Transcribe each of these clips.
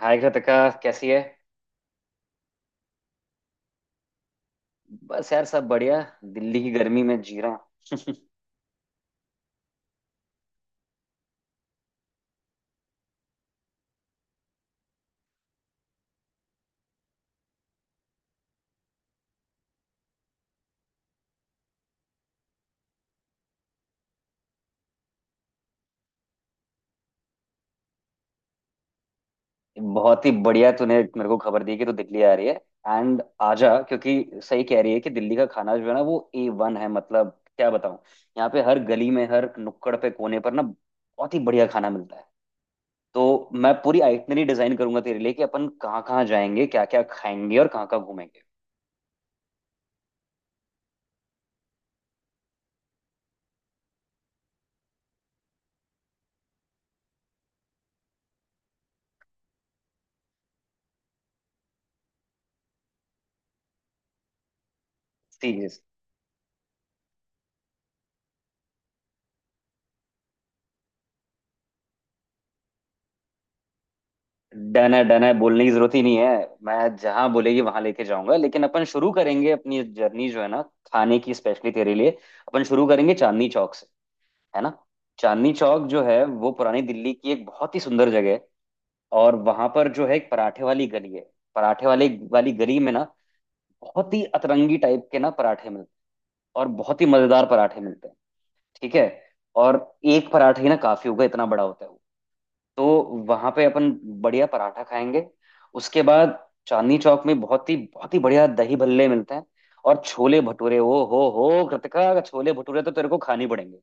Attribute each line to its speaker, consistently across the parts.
Speaker 1: हाय कृतिका। कैसी है? बस यार सब बढ़िया। दिल्ली की गर्मी में जी रहा हूँ। बहुत ही बढ़िया तूने मेरे को खबर दी कि तू दिल्ली आ रही है। एंड आजा क्योंकि सही कह रही है कि दिल्ली का खाना जो है ना वो ए वन है। मतलब क्या बताऊँ। यहाँ पे हर गली में हर नुक्कड़ पे कोने पर ना बहुत ही बढ़िया खाना मिलता है। तो मैं पूरी आइटनरी डिजाइन करूंगा तेरे लिए कि अपन कहाँ कहाँ जाएंगे क्या क्या खाएंगे और कहाँ कहाँ घूमेंगे। ठीक है, डन है डन है बोलने की जरूरत ही नहीं है। मैं जहां बोलेगी वहां लेके जाऊंगा। लेकिन अपन शुरू करेंगे अपनी जर्नी जो है ना खाने की स्पेशली तेरे लिए। अपन शुरू करेंगे चांदनी चौक से। है ना। चांदनी चौक जो है वो पुरानी दिल्ली की एक बहुत ही सुंदर जगह है। और वहां पर जो है एक पराठे वाली गली है। पराठे वाले वाली गली में ना बहुत ही अतरंगी टाइप के ना पराठे मिलते हैं और बहुत ही मजेदार पराठे मिलते हैं। ठीक है। और एक पराठे ही ना काफी होगा इतना बड़ा होता है वो। तो वहां पे अपन बढ़िया पराठा खाएंगे। उसके बाद चांदनी चौक में बहुत ही बढ़िया दही भल्ले मिलते हैं। और छोले भटूरे ओ हो कृतिका छोले भटूरे तो तेरे को खाने पड़ेंगे।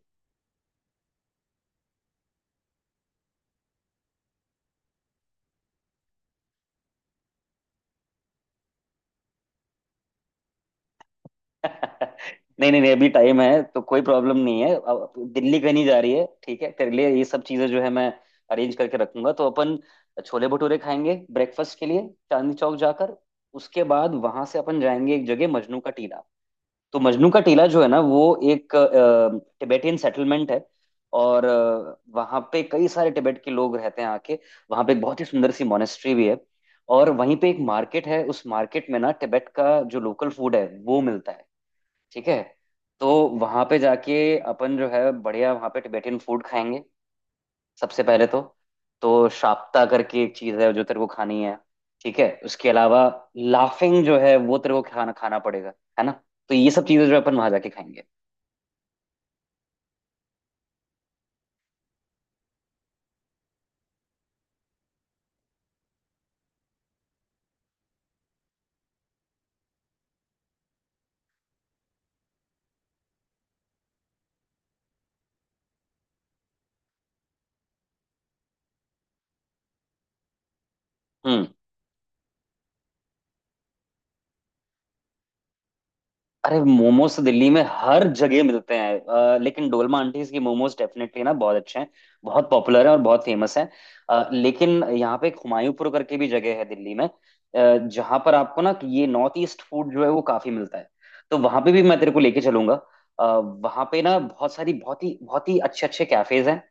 Speaker 1: नहीं नहीं नहीं, अभी टाइम है तो कोई प्रॉब्लम नहीं है। अब दिल्ली कहीं नहीं जा रही है। ठीक है तेरे लिए ये सब चीजें जो है मैं अरेंज करके रखूंगा। तो अपन छोले भटूरे खाएंगे ब्रेकफास्ट के लिए चांदनी चौक जाकर। उसके बाद वहां से अपन जाएंगे एक जगह मजनू का टीला। तो मजनू का टीला जो है ना वो एक टिबेटियन सेटलमेंट है। और वहाँ पे कई सारे टिबेट के लोग रहते हैं आके। वहाँ पे एक बहुत ही सुंदर सी मोनेस्ट्री भी है। और वहीं पे एक मार्केट है उस मार्केट में ना टिबेट का जो लोकल फूड है वो मिलता है। ठीक है। तो वहाँ पे जाके अपन जो है बढ़िया वहाँ पे टिबेटियन फूड खाएंगे। सबसे पहले तो शाप्ता करके एक चीज है जो तेरे को खानी है। ठीक है उसके अलावा लाफिंग जो है वो तेरे को खाना खाना पड़ेगा। है ना। तो ये सब चीजें जो है अपन वहां जाके खाएंगे। हम्म। अरे मोमोज तो दिल्ली में हर जगह मिलते हैं लेकिन डोलमा आंटीज की मोमोज डेफिनेटली ना बहुत अच्छे हैं। बहुत पॉपुलर हैं और बहुत फेमस हैं। लेकिन यहाँ पे एक हुमायूंपुर करके भी जगह है दिल्ली में जहाँ पर आपको ना कि ये नॉर्थ ईस्ट फूड जो है वो काफी मिलता है। तो वहाँ पे भी मैं तेरे को लेके चलूंगा। वहाँ पे ना बहुत सारी बहुत ही अच्छे अच्छे कैफेज हैं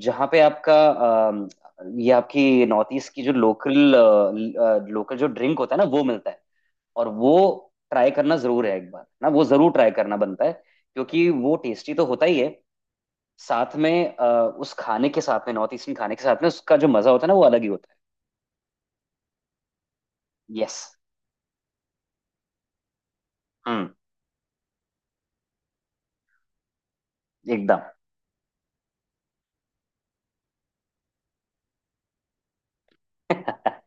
Speaker 1: जहाँ पे आपका ये आपकी नॉर्थ ईस्ट की जो लोकल लोकल जो ड्रिंक होता है ना वो मिलता है। और वो ट्राई करना जरूर है एक बार ना वो जरूर ट्राई करना बनता है क्योंकि वो टेस्टी तो होता ही है। साथ में उस खाने के साथ में नॉर्थ ईस्टर्न खाने के साथ में उसका जो मजा होता है ना वो अलग ही होता है। यस। हम्म। एकदम।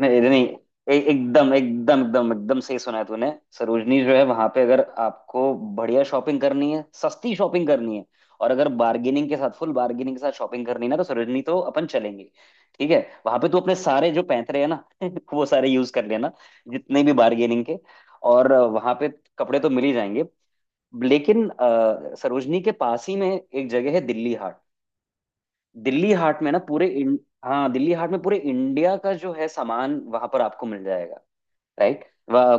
Speaker 1: नहीं नहीं एकदम एकदम एकदम एकदम सही सुना है तूने। सरोजनी जो है वहां पे अगर आपको बढ़िया शॉपिंग करनी है सस्ती शॉपिंग करनी है। और अगर बार्गेनिंग के साथ फुल बार्गेनिंग के साथ शॉपिंग करनी है ना तो सरोजनी तो अपन चलेंगे। ठीक है। वहां पे तू अपने सारे जो पैंतरे हैं ना वो सारे यूज कर लेना जितने भी बार्गेनिंग के। और वहां पे कपड़े तो मिल ही जाएंगे। लेकिन सरोजनी के पास ही में एक जगह है दिल्ली हाट। दिल्ली हाट में ना हाँ दिल्ली हाट में पूरे इंडिया का जो है सामान वहां पर आपको मिल। राइट।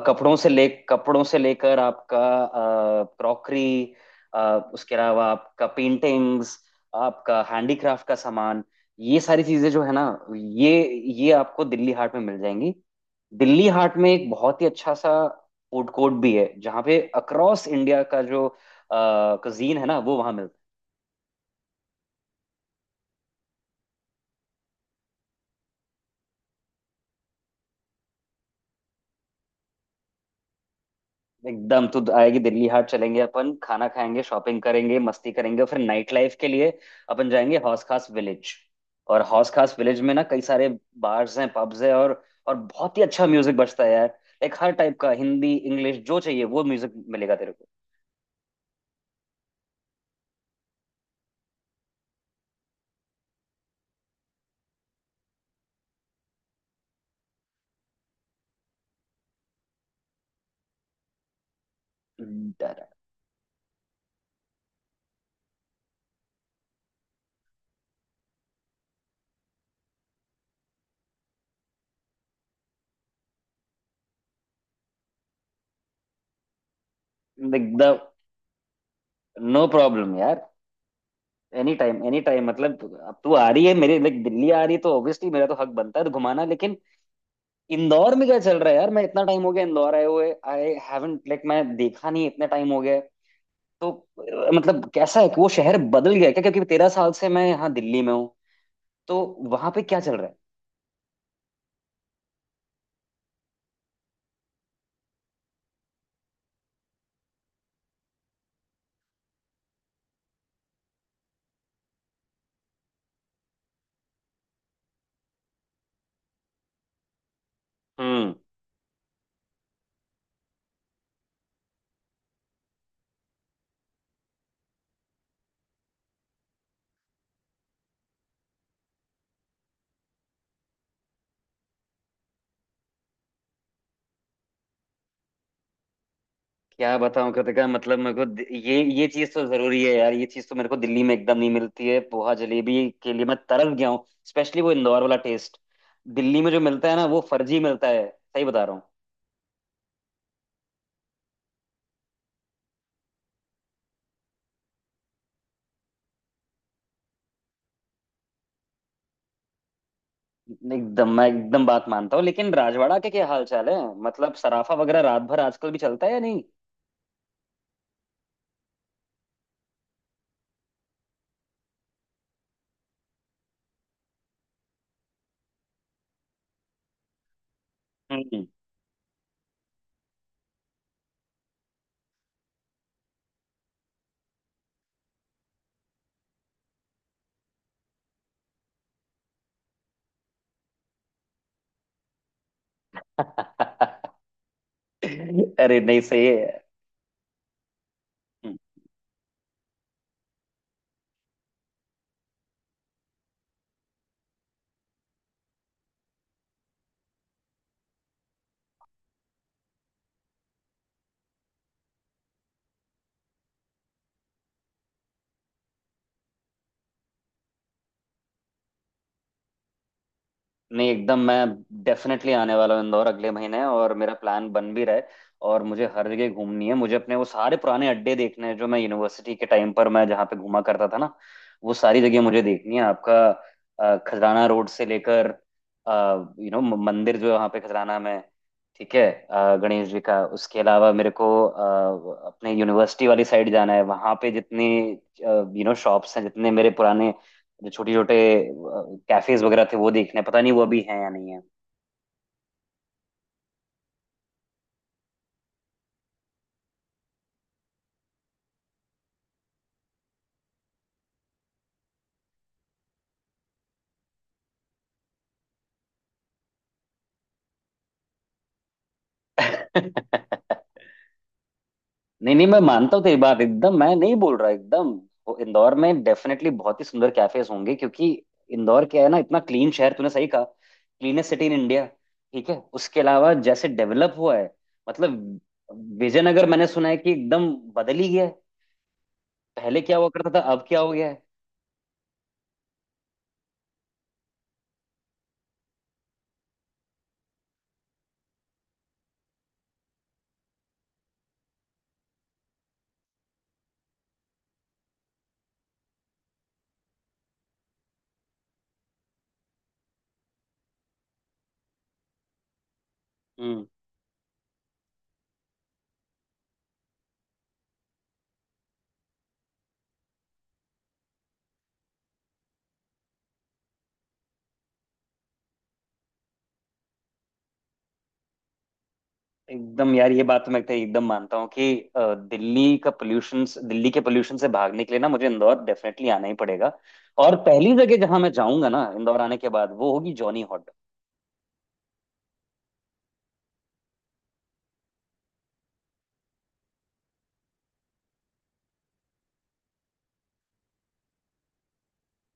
Speaker 1: कपड़ों से लेकर आपका क्रॉकरी उसके अलावा आपका पेंटिंग्स आपका हैंडीक्राफ्ट का सामान ये सारी चीजें जो है ना ये ये आपको दिल्ली हाट में मिल जाएंगी। दिल्ली हाट में एक बहुत ही अच्छा सा फूड कोर्ट भी है जहाँ पे अक्रॉस इंडिया का जो कजीन है ना वो वहाँ एकदम तो आएगी दिल्ली हाट चलेंगे अपन खाना खाएंगे शॉपिंग करेंगे मस्ती करेंगे फिर नाइट लाइफ के लिए अपन जाएंगे हौस खास विलेज। और हौस खास विलेज में ना कई सारे बार्स हैं पब्स हैं और बहुत ही अच्छा म्यूजिक बजता है यार लाइक हर टाइप का हिंदी इंग्लिश जो चाहिए वो म्यूजिक मिलेगा तेरे को। डर- एकदम। नो प्रॉब्लम यार। एनी टाइम मतलब अब तू आ रही है मेरे लाइक दिल्ली आ रही है तो ऑब्वियसली मेरा तो हक बनता है तो घुमाना। लेकिन इंदौर में क्या चल रहा है यार मैं इतना टाइम हो गया इंदौर आए हुए आई हैवंट लाइक मैं देखा नहीं इतने टाइम हो गए। तो मतलब कैसा है कि वो शहर बदल गया है क्या क्योंकि 13 साल से मैं यहाँ दिल्ली में हूँ। तो वहां पे क्या चल रहा है? हम्म। क्या बताऊं कृतिका मतलब मेरे को ये चीज तो जरूरी है यार। ये चीज तो मेरे को दिल्ली में एकदम नहीं मिलती है। पोहा जलेबी के लिए मैं तरस गया हूँ स्पेशली वो इंदौर वाला टेस्ट। दिल्ली में जो मिलता है ना वो फर्जी मिलता है। सही बता। एकदम मैं एकदम बात मानता हूँ। लेकिन राजवाड़ा के क्या हाल चाल है मतलब सराफा वगैरह रात भर आजकल भी चलता है या नहीं? हम्म। अरे नहीं सही है। हम्म, नहीं एकदम मैं डेफिनेटली आने वाला हूँ इंदौर अगले महीने। और मेरा प्लान बन भी रहा है। और मुझे हर जगह घूमनी है मुझे अपने वो सारे पुराने अड्डे देखने हैं जो मैं यूनिवर्सिटी के टाइम पर मैं जहाँ पे घूमा करता था ना वो सारी जगह मुझे देखनी है। आपका खजराना रोड से लेकर यू नो मंदिर जो है वहाँ पे खजराना में। ठीक है गणेश जी का उसके अलावा मेरे को अपने यूनिवर्सिटी वाली साइड जाना है वहां पे जितने यू नो शॉप्स हैं जितने मेरे पुराने जो छोटे छोटे कैफेज वगैरह थे वो देखने हैं। पता नहीं वो अभी हैं या नहीं। है। नहीं नहीं मैं मानता हूँ तेरी बात। एकदम मैं नहीं बोल रहा एकदम। वो इंदौर में डेफिनेटली बहुत ही सुंदर कैफेज होंगे क्योंकि इंदौर क्या है ना इतना क्लीन शहर तूने सही कहा क्लीनेस्ट सिटी इन इंडिया। ठीक है उसके अलावा जैसे डेवलप हुआ है मतलब विजयनगर मैंने सुना है कि एकदम बदल ही गया है। पहले क्या हुआ करता था अब क्या हो गया है? एकदम यार ये बात तो मैं तो एकदम मानता हूँ कि दिल्ली का पोल्यूशन दिल्ली के पोल्यूशन से भागने के लिए ना मुझे इंदौर डेफिनेटली आना ही पड़ेगा। और पहली जगह जहां मैं जाऊंगा ना इंदौर आने के बाद वो होगी जॉनी हॉट।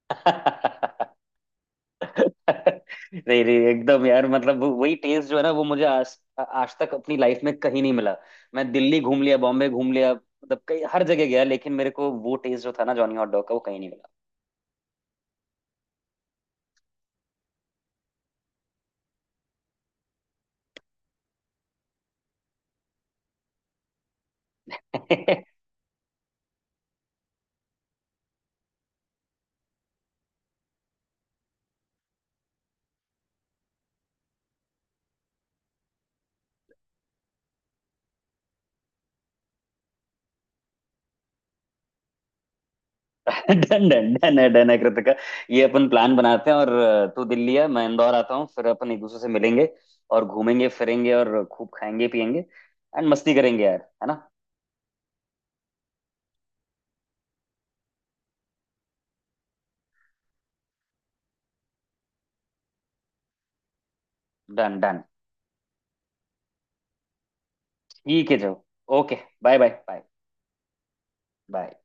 Speaker 1: नहीं नहीं एकदम यार मतलब वही टेस्ट जो है ना वो मुझे आज आज तक अपनी लाइफ में कहीं नहीं मिला। मैं दिल्ली घूम लिया बॉम्बे घूम लिया मतलब कई हर जगह गया लेकिन मेरे को वो टेस्ट जो था ना जॉनी हॉट डॉग का वो कहीं नहीं मिला। डन है डन है डन है कृतिका। ये अपन प्लान बनाते हैं और तू दिल्ली है मैं इंदौर आता हूँ फिर अपन एक दूसरे से मिलेंगे और घूमेंगे फिरेंगे और खूब खाएंगे पिएंगे एंड मस्ती करेंगे यार है ना? डन डन ठीक है जो okay bye bye bye bye.